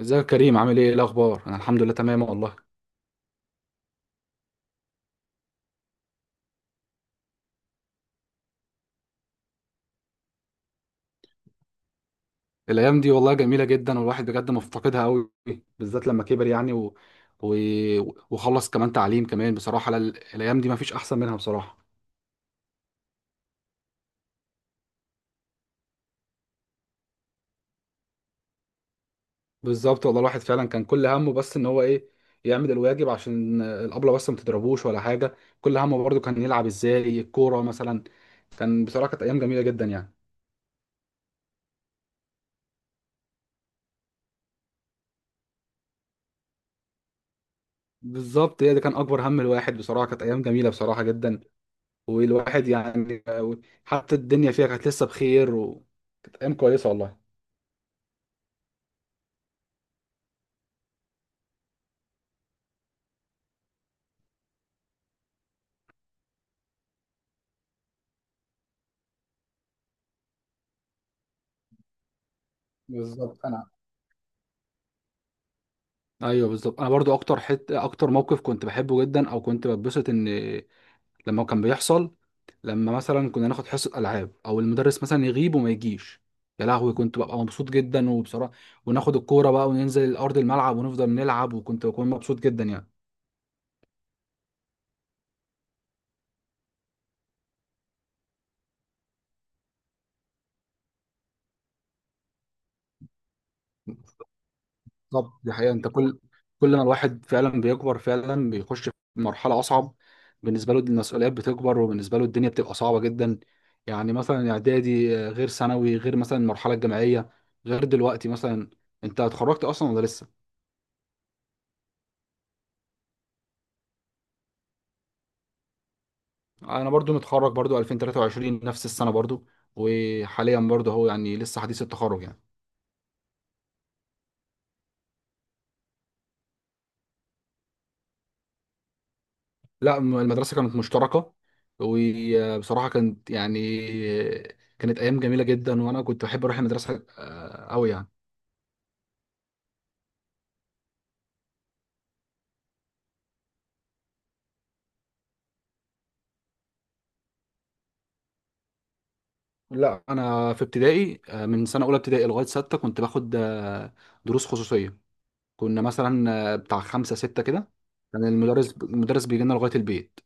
ازيك يا كريم، عامل ايه الاخبار؟ انا الحمد لله تمام والله. الايام دي والله جميله جدا، والواحد بجد مفتقدها قوي، بالذات لما كبر يعني و... وخلص كمان تعليم كمان، بصراحه الايام دي ما فيش احسن منها بصراحه. بالظبط والله، الواحد فعلا كان كل همه بس ان هو ايه، يعمل الواجب عشان الابله بس ما تضربوش ولا حاجه. كل همه برضه كان يلعب ازاي الكوره مثلا. بصراحه كانت ايام جميله جدا يعني. بالظبط، هي ده كان اكبر هم الواحد. بصراحه كانت ايام جميله بصراحه جدا، والواحد يعني حتى الدنيا فيها كانت لسه بخير، وكانت ايام كويسه والله. بالظبط انا. ايوه بالظبط، انا برضو اكتر اكتر موقف كنت بحبه جدا، او كنت بتبسط ان لما كان بيحصل، لما مثلا كنا ناخد حصه العاب، او المدرس مثلا يغيب وما يجيش، يا لهوي كنت ببقى مبسوط جدا. وبصراحه وناخد الكوره بقى وننزل ارض الملعب ونفضل نلعب، وكنت بكون مبسوط جدا يعني. بالظبط، دي حقيقة. انت كل ما الواحد فعلا بيكبر، فعلا بيخش في مرحلة أصعب، بالنسبة له المسؤوليات بتكبر، وبالنسبة له الدنيا بتبقى صعبة جدا. يعني مثلا إعدادي غير ثانوي، غير مثلا المرحلة الجامعية، غير دلوقتي مثلا. أنت اتخرجت أصلا ولا لسه؟ أنا برضو متخرج، برضو 2023، نفس السنة برضو. وحاليا برضو هو يعني لسه حديث التخرج يعني. لا، المدرسة كانت مشتركة، وبصراحة كانت يعني كانت أيام جميلة جدا، وأنا كنت بحب أروح المدرسة أوي يعني. لا، انا في ابتدائي من سنه اولى ابتدائي لغايه سته كنت باخد دروس خصوصيه. كنا مثلا بتاع خمسه سته كده كان المدرس بيجي لنا لغايه البيت.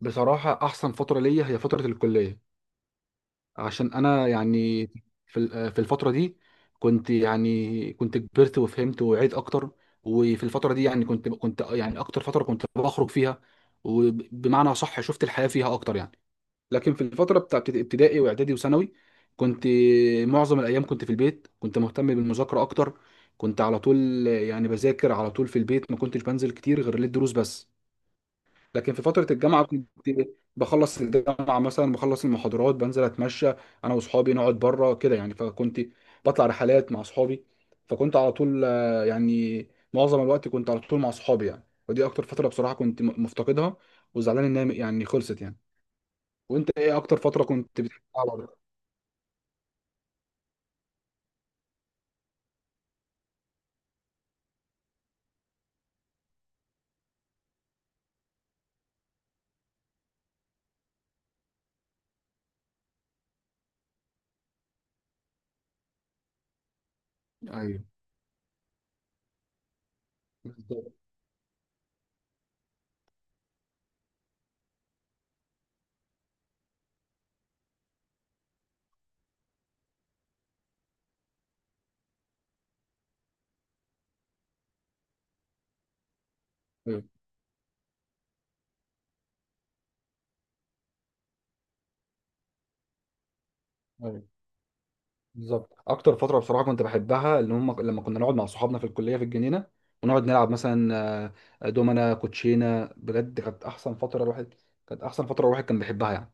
فبصراحه احسن فتره ليا هي فتره الكليه، عشان انا يعني في ال- آه، في الفتره دي كنت يعني كنت كبرت وفهمت وعيت اكتر. وفي الفتره دي يعني كنت يعني اكتر فتره كنت بخرج فيها، وبمعنى صح شفت الحياه فيها اكتر يعني. لكن في الفترة بتاعت ابتدائي واعدادي وثانوي، كنت معظم الايام كنت في البيت، كنت مهتم بالمذاكرة اكتر. كنت على طول يعني بذاكر على طول في البيت، ما كنتش بنزل كتير غير للدروس بس. لكن في فترة الجامعة كنت بخلص الجامعة مثلا، بخلص المحاضرات بنزل اتمشى انا واصحابي، نقعد بره كده يعني. فكنت بطلع رحلات مع اصحابي، فكنت على طول يعني معظم الوقت كنت على طول مع اصحابي يعني. ودي اكتر فترة بصراحة كنت مفتقدها، وزعلان ان هي يعني خلصت يعني. وانت ايه اكتر فتره كنت بتحبها برضه؟ ايوه بالظبط. ايوه، ايوه بالظبط، اكتر فتره بصراحه كنت بحبها اللي هم لما كنا نقعد مع صحابنا في الكليه، في الجنينه، ونقعد نلعب مثلا دومنا كوتشينه، بجد كانت احسن فتره الواحد كان بيحبها يعني.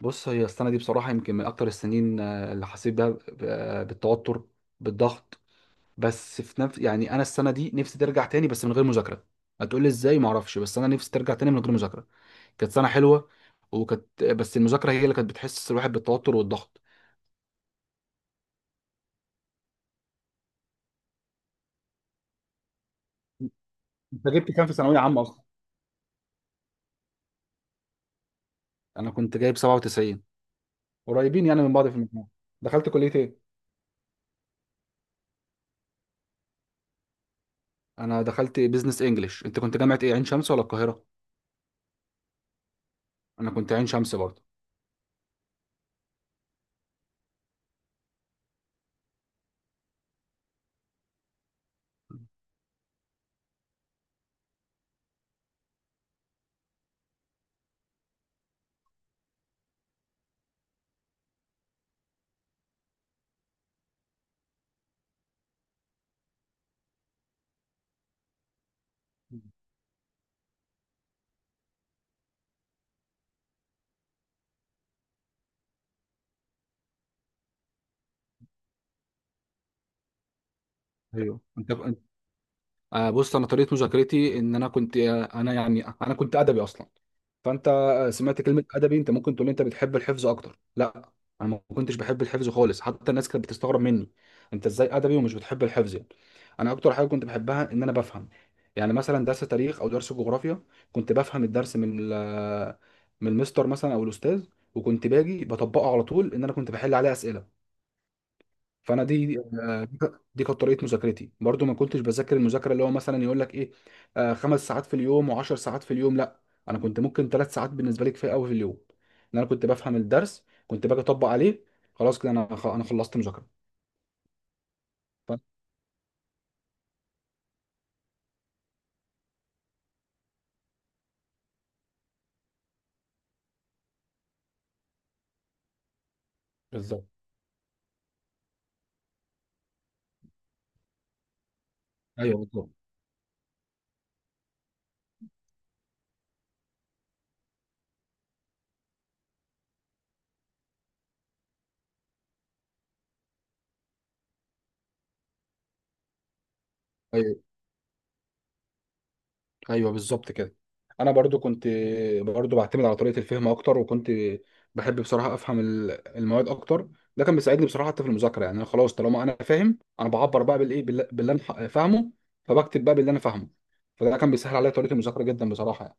بص، هي السنه دي بصراحه يمكن من اكتر السنين اللي حسيت بيها بالتوتر، بالضغط. بس في نفس يعني انا السنه دي نفسي ترجع تاني بس من غير مذاكره. هتقول لي ازاي؟ ما اعرفش، بس انا نفسي ترجع تاني من غير مذاكره. كانت سنه حلوه، وكانت بس المذاكره هي اللي كانت بتحسس الواحد بالتوتر والضغط. انت جبت كام في ثانويه عامه اصلا؟ انا كنت جايب 97، قريبين يعني من بعض في المجموع. دخلت كليه ايه؟ انا دخلت بيزنس انجلش. انت كنت جامعه ايه، عين شمس ولا القاهره؟ انا كنت عين شمس برضه. ايوه. انت أنت- آه، بص، انا طريقه مذاكرتي ان انا كنت آه، انا يعني انا كنت ادبي اصلا. فانت سمعت كلمه ادبي، انت ممكن تقول لي انت بتحب الحفظ اكتر؟ لا، انا ما كنتش بحب الحفظ خالص، حتى الناس كانت بتستغرب مني، انت ازاي ادبي ومش بتحب الحفظ يعني؟ انا اكتر حاجه كنت بحبها ان انا بفهم. يعني مثلا درس تاريخ او درس جغرافيا، كنت بفهم الدرس من من المستر مثلا او الاستاذ، وكنت باجي بطبقه على طول، ان انا كنت بحل عليه اسئله. فانا دي كانت طريقه مذاكرتي. برضو ما كنتش بذاكر المذاكره اللي هو مثلا يقول لك ايه 5 ساعات في اليوم و10 ساعات في اليوم، لا. انا كنت ممكن 3 ساعات بالنسبه لي كفايه قوي في اليوم، ان انا كنت بفهم الدرس، كنت باجي اطبق عليه، خلاص كده انا انا خلصت مذاكره. ف- بالظبط. ايوه بالظبط. ايوه، ايوه بالظبط كده. انا برضو كنت برضو بعتمد على طريقه الفهم اكتر، وكنت بحب بصراحه افهم المواد اكتر. ده كان بيساعدني بصراحه حتى في المذاكره يعني، انا خلاص طالما انا فاهم، انا بعبر بقى بالايه باللي انا فاهمه، فبكتب بقى باللي انا فاهمه. فده كان بيسهل عليا طريقه المذاكره جدا بصراحه يعني.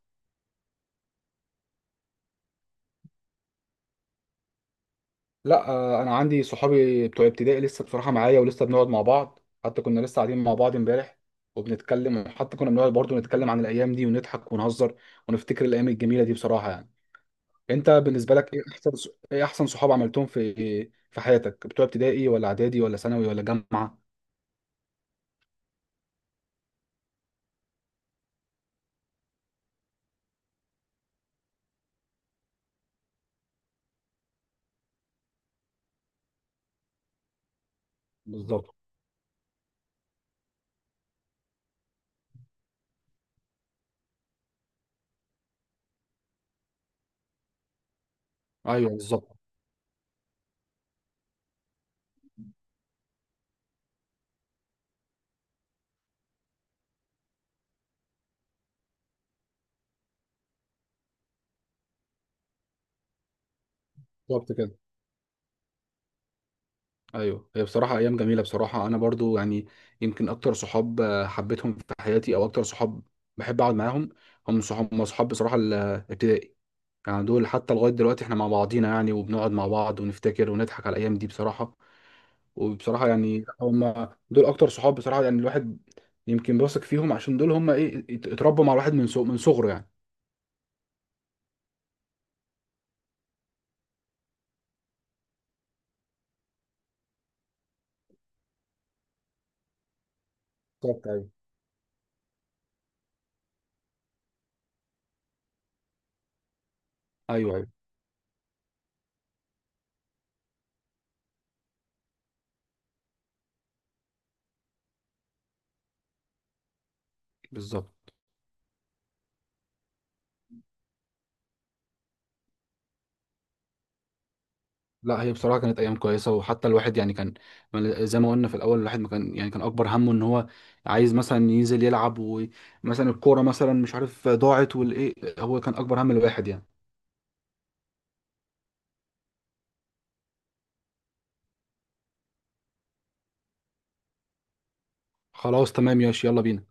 لا انا عندي صحابي بتوع ابتدائي لسه بصراحه معايا، ولسه بنقعد مع بعض، حتى كنا لسه قاعدين مع بعض امبارح وبنتكلم، وحتى كنا بنقعد برضو نتكلم عن الايام دي ونضحك ونهزر، ونفتكر الايام الجميله دي بصراحه يعني. انت بالنسبه لك ايه احسن صحاب عملتهم في حياتك، بتوع ابتدائي ولا اعدادي ولا ثانوي ولا جامعه؟ بالظبط. ايوه بالظبط، بالظبط كده. ايوه، هي بصراحه ايام جميله. بصراحه انا برضو يعني يمكن اكتر صحاب حبيتهم في حياتي، او اكتر صحاب بحب اقعد معاهم، هم صحاب بصراحه الابتدائي. يعني دول حتى لغايه دلوقتي احنا مع بعضينا يعني، وبنقعد مع بعض ونفتكر ونضحك على الايام دي بصراحه. وبصراحه يعني هم دول اكتر صحاب بصراحه يعني، الواحد يمكن بيثق فيهم، عشان دول هم ايه، اتربوا مع الواحد من من صغره يعني. بالظبط. ايوه، ايوه، ايوه بالظبط. لا، هي بصراحه كانت ايام كويسه. وحتى الواحد يعني كان زي ما قلنا في الاول، الواحد ما كان يعني كان اكبر همه ان هو عايز مثلا ينزل يلعب، ومثلا الكوره مثلا مش عارف ضاعت، والايه، هو كان اكبر هم الواحد يعني. خلاص تمام ياش، يلا بينا.